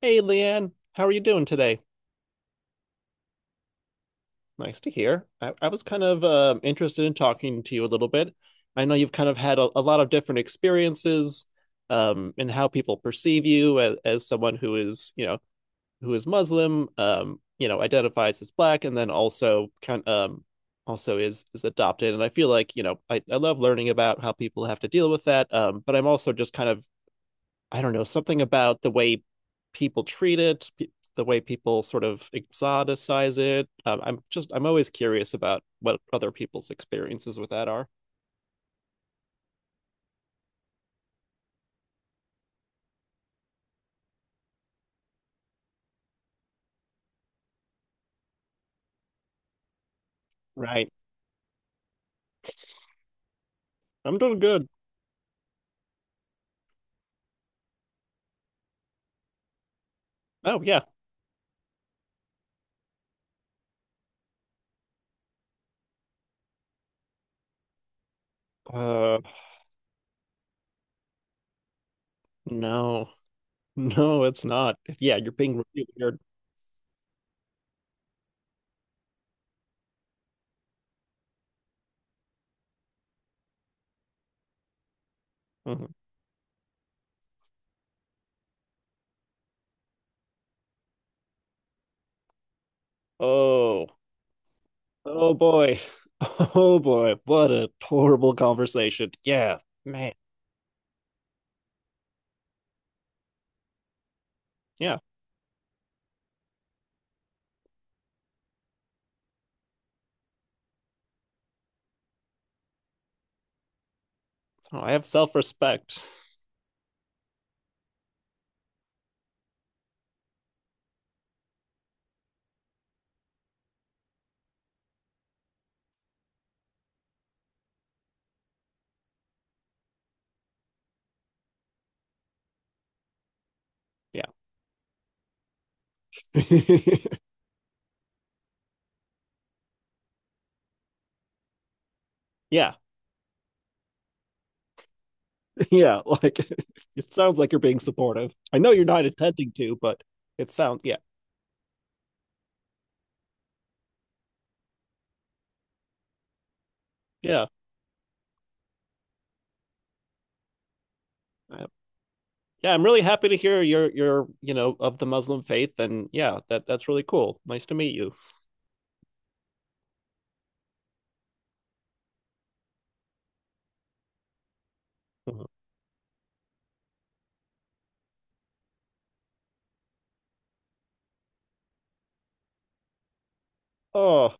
Hey, Leanne, how are you doing today? Nice to hear. I was kind of interested in talking to you a little bit. I know you've kind of had a lot of different experiences in how people perceive you as someone who is, who is Muslim, identifies as black, and then also kind also is adopted. And I feel like, I love learning about how people have to deal with that. But I'm also just kind of I don't know, something about the way people the way people sort of exoticize it. I'm always curious about what other people's experiences with that are. Right. I'm doing good. Oh, yeah. Uh, no, no, it's not. Yeah, you're being really weird. Mhm. Oh, oh boy. Oh boy. What a horrible conversation. Yeah, man. Yeah. Oh, I have self-respect. Yeah. Yeah. Yeah, like it sounds like you're being supportive. I know you're not intending to, but it sounds yeah, yeah, I- yeah. I'm really happy to hear you're of the Muslim faith, and yeah, that that's really cool. Nice to meet you. Oh,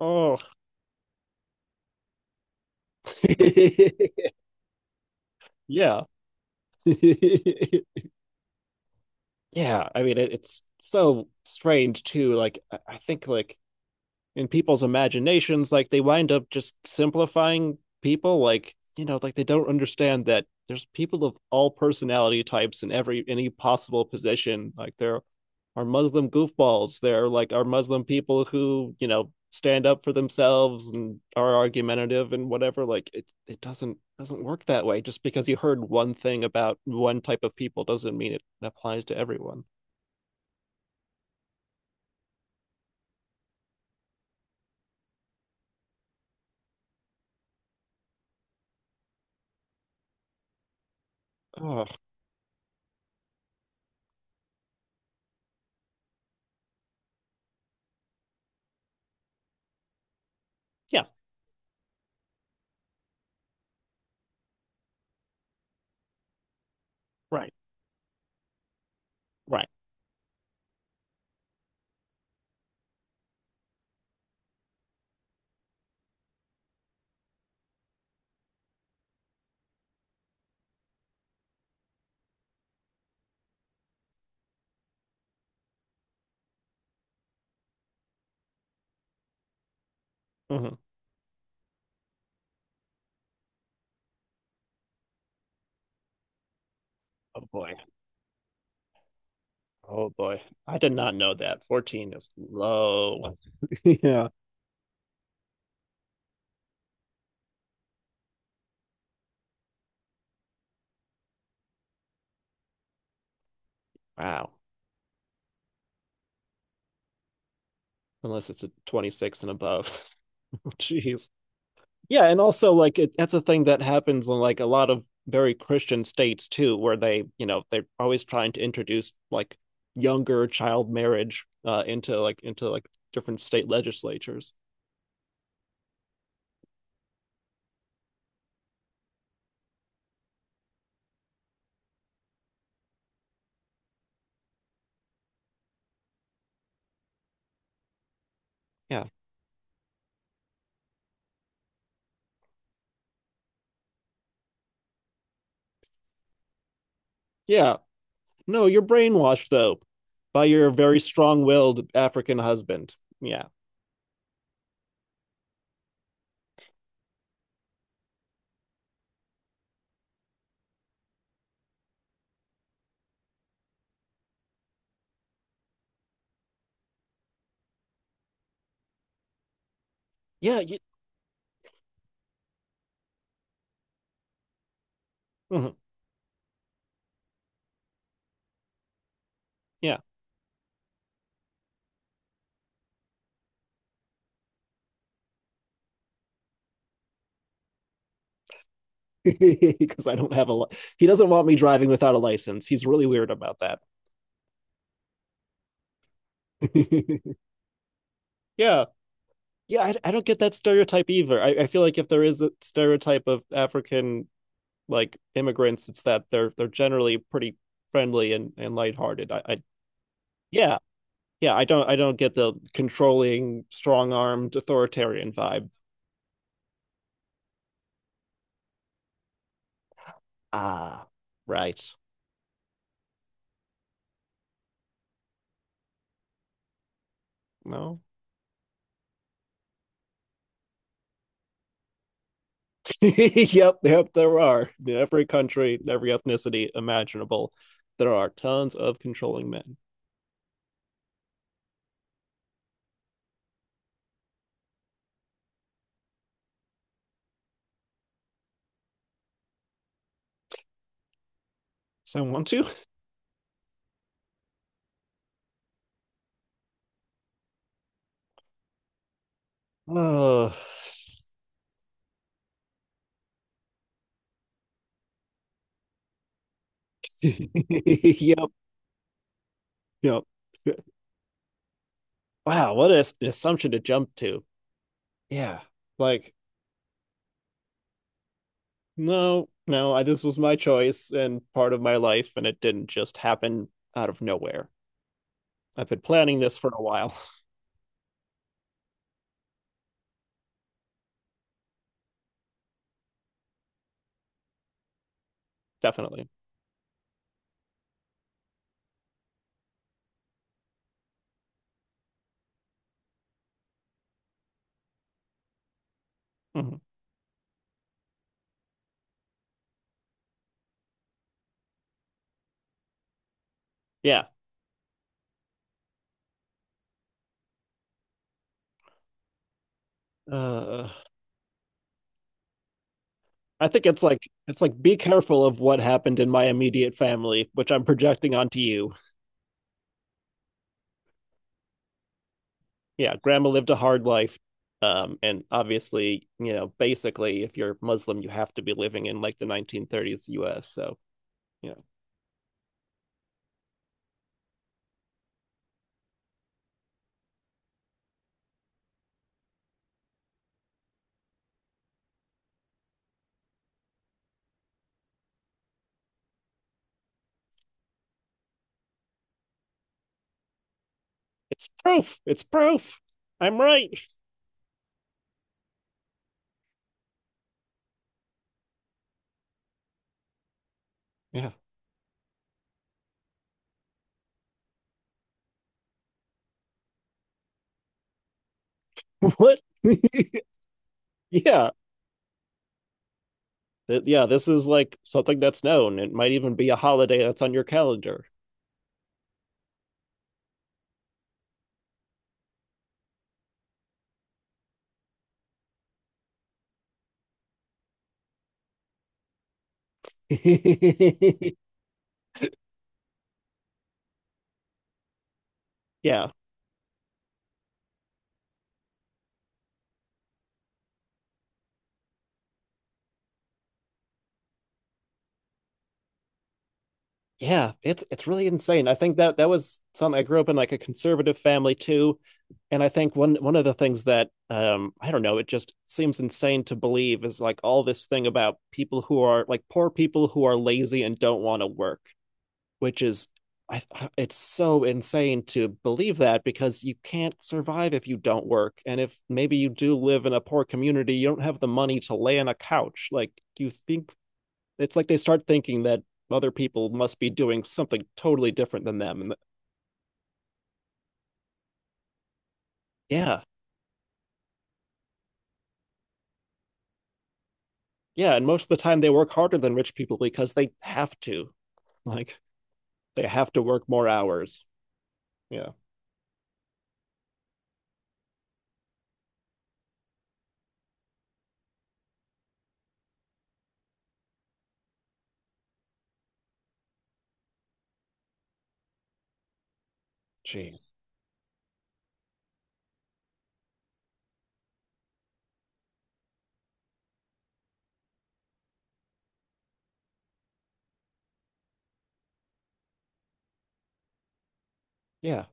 oh, yeah, yeah. I mean, it's so strange too. Like I think like in people's imaginations, like they wind up just simplifying people, like like they don't understand that there's people of all personality types in every any possible position. Like there are Muslim goofballs. There like are Muslim people who, stand up for themselves and are argumentative and whatever. Like it doesn't work that way. Just because you heard one thing about one type of people doesn't mean it applies to everyone. Oh, yeah. Right. Right. Mm-hmm. Oh boy. Oh boy, I did not know that. 14 is low. Yeah. Wow. Unless it's a 26 and above. Jeez. Yeah, and also like that's a thing that happens in like a lot of very Christian states too, where they, they're always trying to introduce like younger child marriage into like different state legislatures. Yeah. Yeah. No, you're brainwashed though by your very strong-willed African husband. Yeah. Yeah, you, mhm. Yeah. Because I don't have a. Li- he doesn't want me driving without a license. He's really weird about that. Yeah, yeah, I don't get that stereotype either. I feel like if there is a stereotype of African like immigrants, it's that they're generally pretty friendly and lighthearted. I yeah, yeah, I don't get the controlling, strong armed, authoritarian vibe. Ah, right. No. Yep, yep, there are. In every country, every ethnicity imaginable, there are tons of controlling men. Someone want to? Oh, yep, yep. Wow, what an assumption to jump to. Yeah, like, no, no, this was my choice and part of my life, and it didn't just happen out of nowhere. I've been planning this for a while. Definitely. Mhm. Yeah. Uh, I think it's like be careful of what happened in my immediate family, which I'm projecting onto you. Yeah, grandma lived a hard life. And obviously, basically if you're Muslim, you have to be living in like the 1930s US. So, you know, it's proof. It's proof. I'm right. Yeah. What? Yeah. Yeah, this is like something that's known. It might even be a holiday that's on your calendar. Yeah. Yeah, it's really insane. I think that that was something I grew up in like a conservative family too, and I think one one of the things that I don't know, it just seems insane to believe is like all this thing about people who are like poor people who are lazy and don't want to work, which is I it's so insane to believe that because you can't survive if you don't work. And if maybe you do live in a poor community, you don't have the money to lay on a couch. Like, do you think it's like they start thinking that other people must be doing something totally different than them. And yeah, yeah. And most of the time they work harder than rich people because they have to. Like they have to work more hours. Yeah. Jeez. Yeah.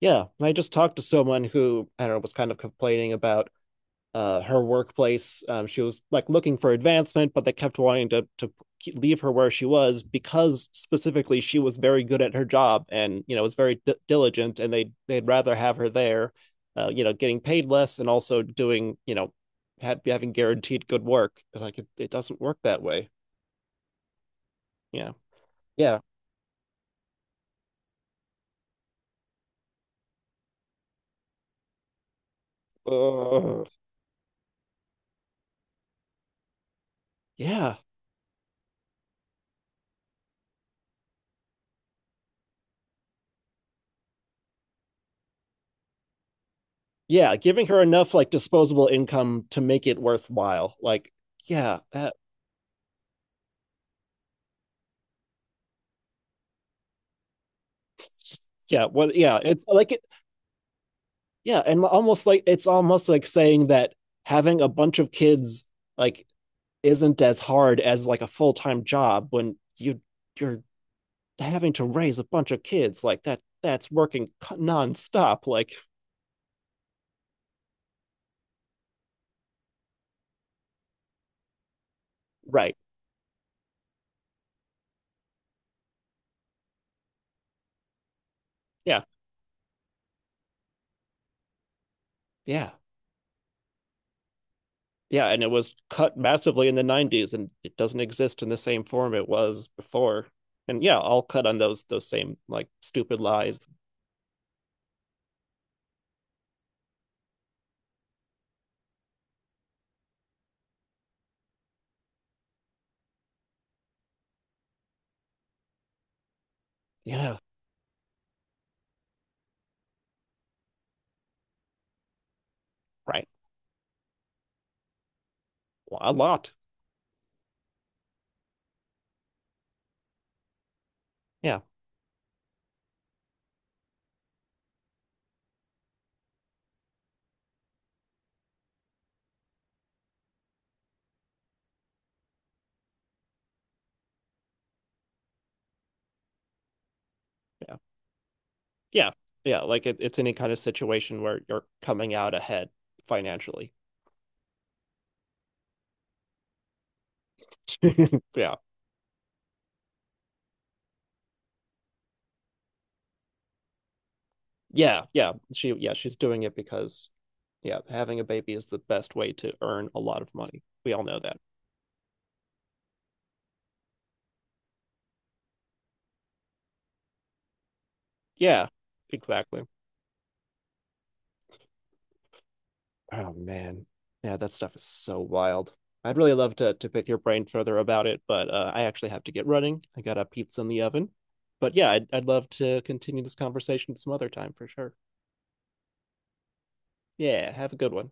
Yeah. And I just talked to someone who I don't know was kind of complaining about her workplace. She was like looking for advancement, but they kept wanting to leave her where she was because specifically she was very good at her job and was very diligent, and they they'd rather have her there, getting paid less and also doing having guaranteed good work. Like it doesn't work that way. Yeah, yeah. Ugh. Yeah, yeah. Giving her enough like disposable income to make it worthwhile. Like yeah, that, yeah. What? Yeah, it's like it. Yeah, and almost like it's almost like saying that having a bunch of kids like isn't as hard as like a full-time job when you you're having to raise a bunch of kids like that that's working nonstop like right. Yeah. Yeah. Yeah, and it was cut massively in the 90s and it doesn't exist in the same form it was before. And yeah, I'll cut on those same like stupid lies. Yeah, right. A lot. Yeah. Yeah. Yeah. Yeah. Like it's any kind of situation where you're coming out ahead financially. Yeah. Yeah. Yeah. She, yeah, she's doing it because, yeah, having a baby is the best way to earn a lot of money. We all know that. Yeah. Exactly. Oh, man. Yeah. That stuff is so wild. I'd really love to pick your brain further about it, but I actually have to get running. I got a pizza in the oven. But yeah, I'd love to continue this conversation some other time for sure. Yeah. Have a good one.